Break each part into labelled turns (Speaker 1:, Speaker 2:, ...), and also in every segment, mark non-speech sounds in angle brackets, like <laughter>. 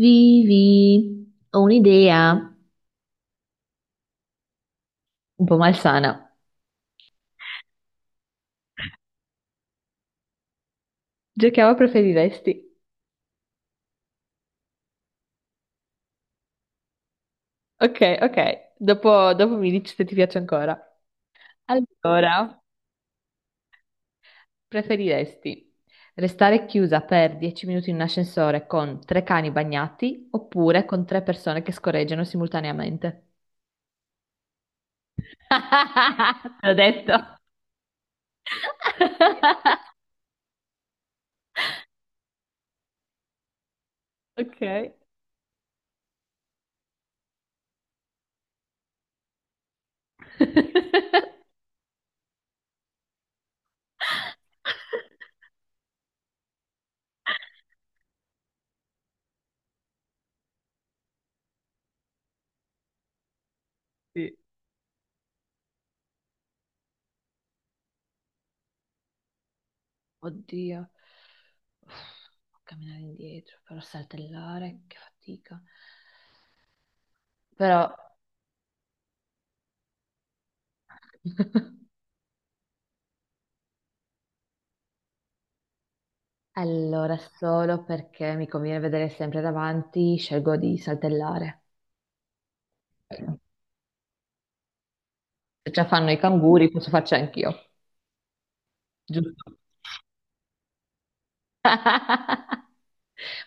Speaker 1: Vivi, ho un'idea un po' malsana. Giochiamo a preferiresti. Ok, ok. Dopo mi dici se ti piace ancora. Allora, preferiresti restare chiusa per 10 minuti in un ascensore con tre cani bagnati oppure con tre persone che scorreggiano simultaneamente? <laughs> Te l'ho detto. <laughs> Ok. <laughs> Sì. Oddio, Uff, camminare indietro, però saltellare, che fatica. Però, <laughs> allora, solo perché mi conviene vedere sempre davanti, scelgo di saltellare. Se già fanno i canguri, posso farci anch'io, giusto? <laughs>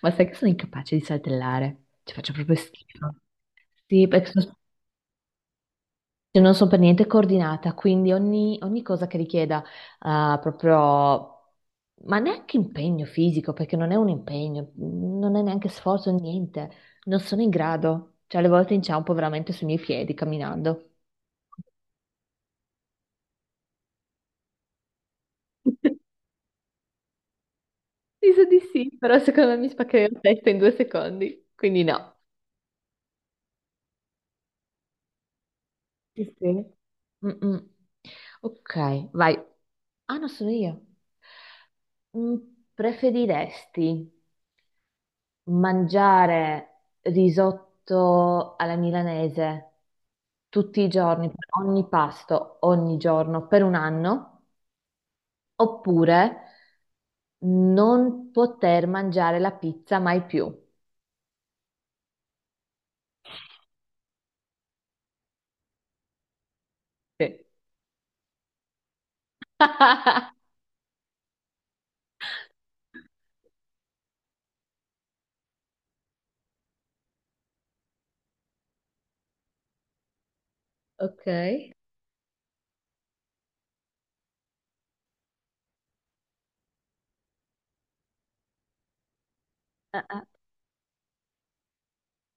Speaker 1: Ma sai che sono incapace di saltellare? Ci faccio proprio schifo. Sì, perché sono. Cioè, non sono per niente coordinata, quindi ogni cosa che richieda, ah, proprio, ma neanche impegno fisico, perché non è un impegno, non è neanche sforzo, niente, non sono in grado. Cioè, alle volte inciampo veramente sui miei piedi camminando. <laughs> Mi sa di sì, però secondo me mi spaccherei la testa in 2 secondi, quindi no. Sì, sì. Mm-mm. Ok, vai. Ah, no, sono io. Mm, Preferiresti mangiare risotto alla milanese tutti i giorni, per ogni pasto, ogni giorno, per un anno, oppure non poter mangiare la pizza mai più. Sì. <laughs> Ok. Eh,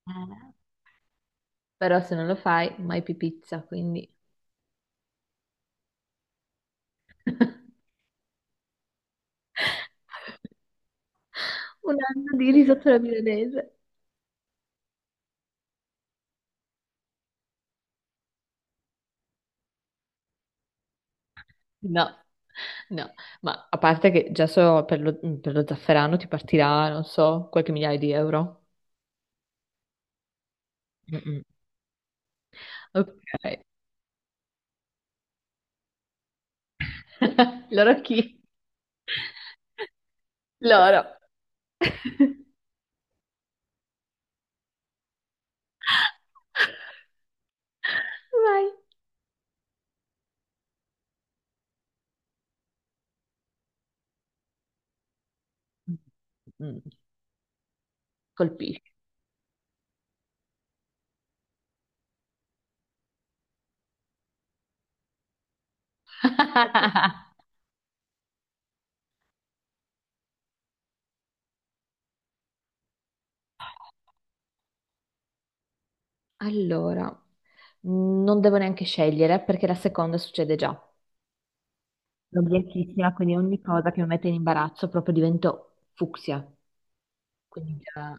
Speaker 1: eh. Però se non lo fai, mai più pizza, quindi <laughs> un anno di risotto alla milanese. No, no, ma a parte che già so per lo zafferano ti partirà, non so, qualche migliaio di euro. Mm-mm. Ok. <laughs> Loro chi? Loro. <laughs> Vai. Mm. Colpisci. <laughs> Allora, non devo neanche scegliere perché la seconda succede già. Sono bianchissima, quindi ogni cosa che mi mette in imbarazzo proprio divento fucsia. Quindi era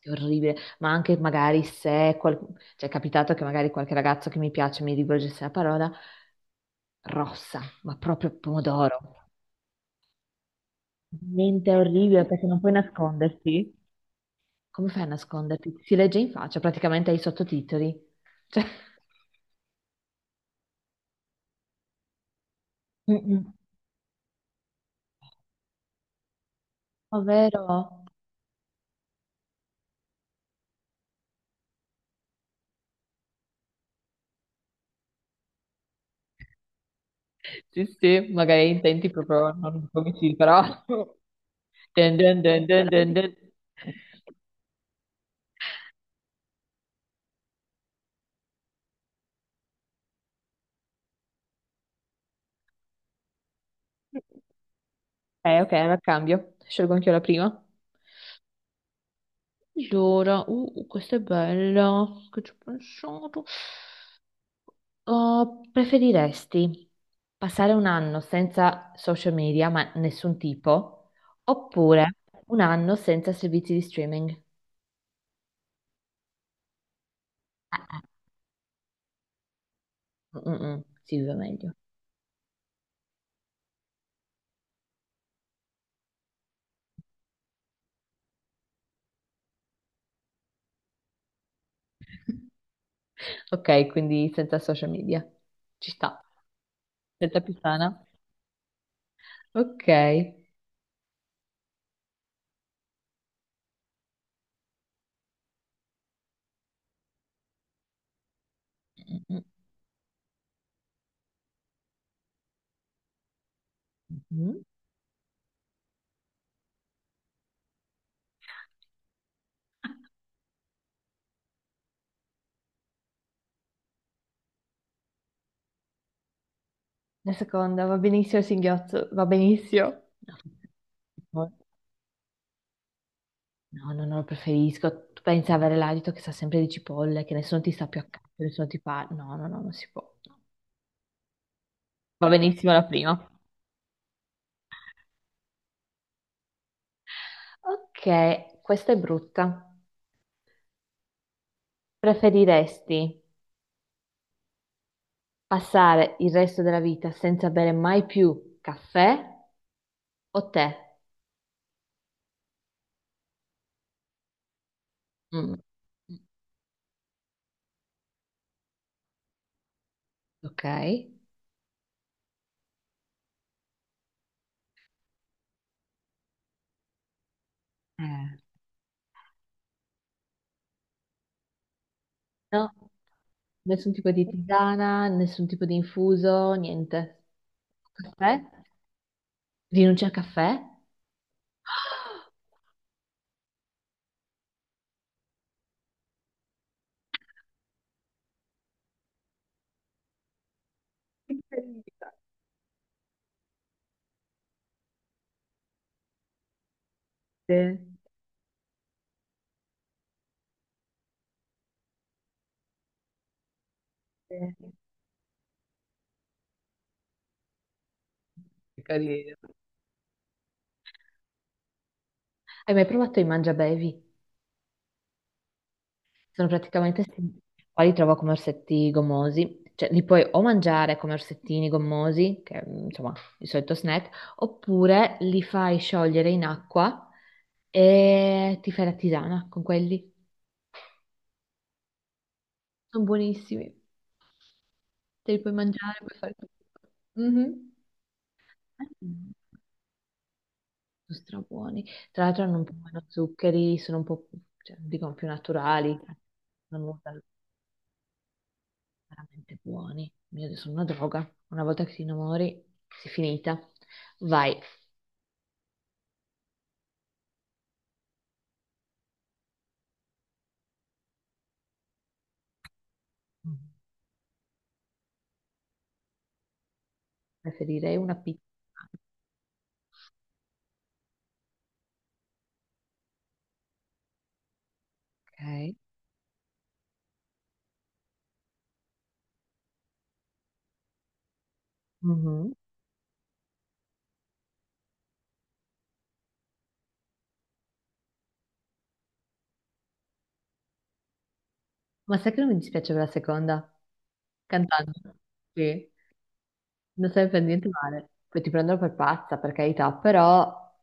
Speaker 1: È orribile, ma anche magari se qual-, cioè, è capitato che magari qualche ragazzo che mi piace mi rivolgesse la parola rossa, ma proprio pomodoro. Niente, è orribile perché non puoi nasconderti. Come fai a nasconderti? Si legge in faccia, praticamente hai i sottotitoli. Cioè, mm-mm, ovvero? Sì, sì, magari intenti proprio non come sì, però. <laughs> Dun, dun, dun, dun, dun, dun. Ok, allora cambio. Scelgo anch'io la prima. Allora, questa è bella, che ci ho pensato. Preferiresti passare un anno senza social media, ma nessun tipo, oppure un anno senza servizi di streaming? Ah, ah, si vive meglio. <laughs> Ok, quindi senza social media. Ci sta, senza più sana. Ok. Mm, mm, mm. Mm. La seconda va benissimo, il singhiozzo, va benissimo. No. No, no, no, lo preferisco. Tu pensi a avere l'alito che sa sempre di cipolle, che nessuno ti sta più accanto, nessuno ti fa... No, no, no, non si può. Va benissimo la prima. Ok, questa è brutta. Preferiresti passare il resto della vita senza bere mai più caffè o tè? Mm. Ok. No, nessun tipo di tisana, nessun tipo di infuso, niente. Caffè? Rinuncia al caffè? <gasps> Incredibile. Eh, Che carino. Hai mai provato i mangiabevi? Sono praticamente, sti-, qua li trovo come orsetti gommosi, cioè li puoi o mangiare come orsettini gommosi, che è, insomma, il solito snack, oppure li fai sciogliere in acqua e ti fai la tisana con quelli. Sono buonissimi, te li puoi mangiare, puoi fare tutto. Mhm. Mm. Sono strabuoni. Tra l'altro hanno un po' meno zuccheri, sono un po', più-, cioè, dicono più naturali, non usano, veramente buoni. Mio Dio, sono una droga. Una volta che ti innamori, sei finita. Vai. Mm. Preferirei una pizza. Ok. Mhm. Ma sai che non mi dispiace per la seconda? Cantante. Sì. Non sai per niente male. Poi ti prendono per pazza, per carità, però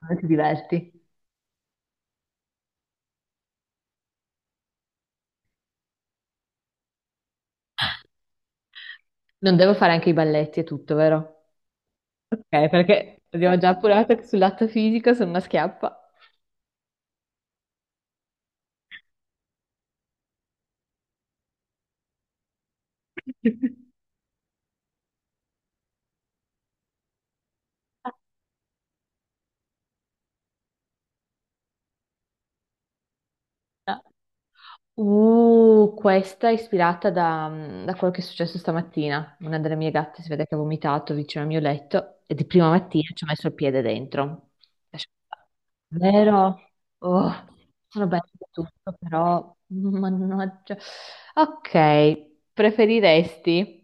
Speaker 1: come ti diverti. Non devo fare anche i balletti e tutto, vero? Ok, perché abbiamo già appurato che sul lato fisico sono una schiappa. <laughs> Questa è ispirata da, da quello che è successo stamattina. Una delle mie gatte si vede che ha vomitato vicino al mio letto e di prima mattina ci ho messo il piede dentro. Lascia-, vero? Oh, sono belle e tutto, però mannaggia. Ok, preferiresti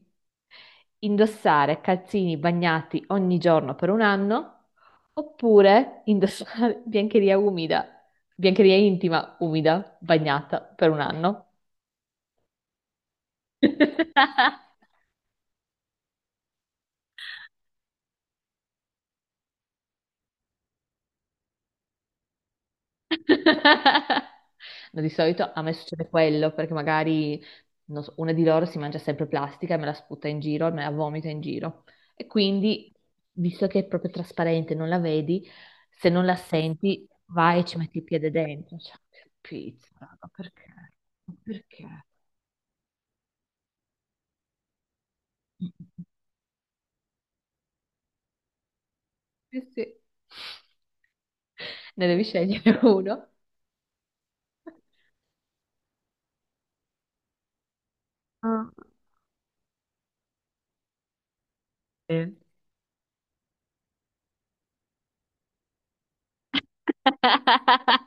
Speaker 1: indossare calzini bagnati ogni giorno per un anno oppure indossare <laughs> biancheria umida? Biancheria intima, umida, bagnata per un anno. <laughs> No, di solito a me succede quello, perché magari non so, una di loro si mangia sempre plastica e me la sputa in giro, me la vomita in giro. E quindi, visto che è proprio trasparente, non la vedi, se non la senti, vai e ci metti il piede dentro. Cioè, che pizza, ma perché? Ma perché? Sì, sì. Ne devi scegliere uno. Ah. Eh. <laughs>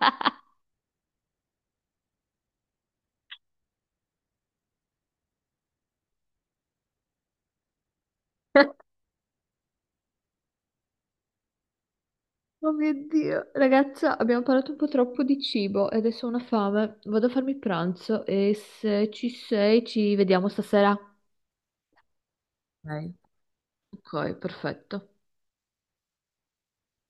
Speaker 1: Oh mio Dio, ragazza, abbiamo parlato un po' troppo di cibo e adesso ho una fame. Vado a farmi pranzo e se ci sei ci vediamo stasera. Ok. Ok, perfetto.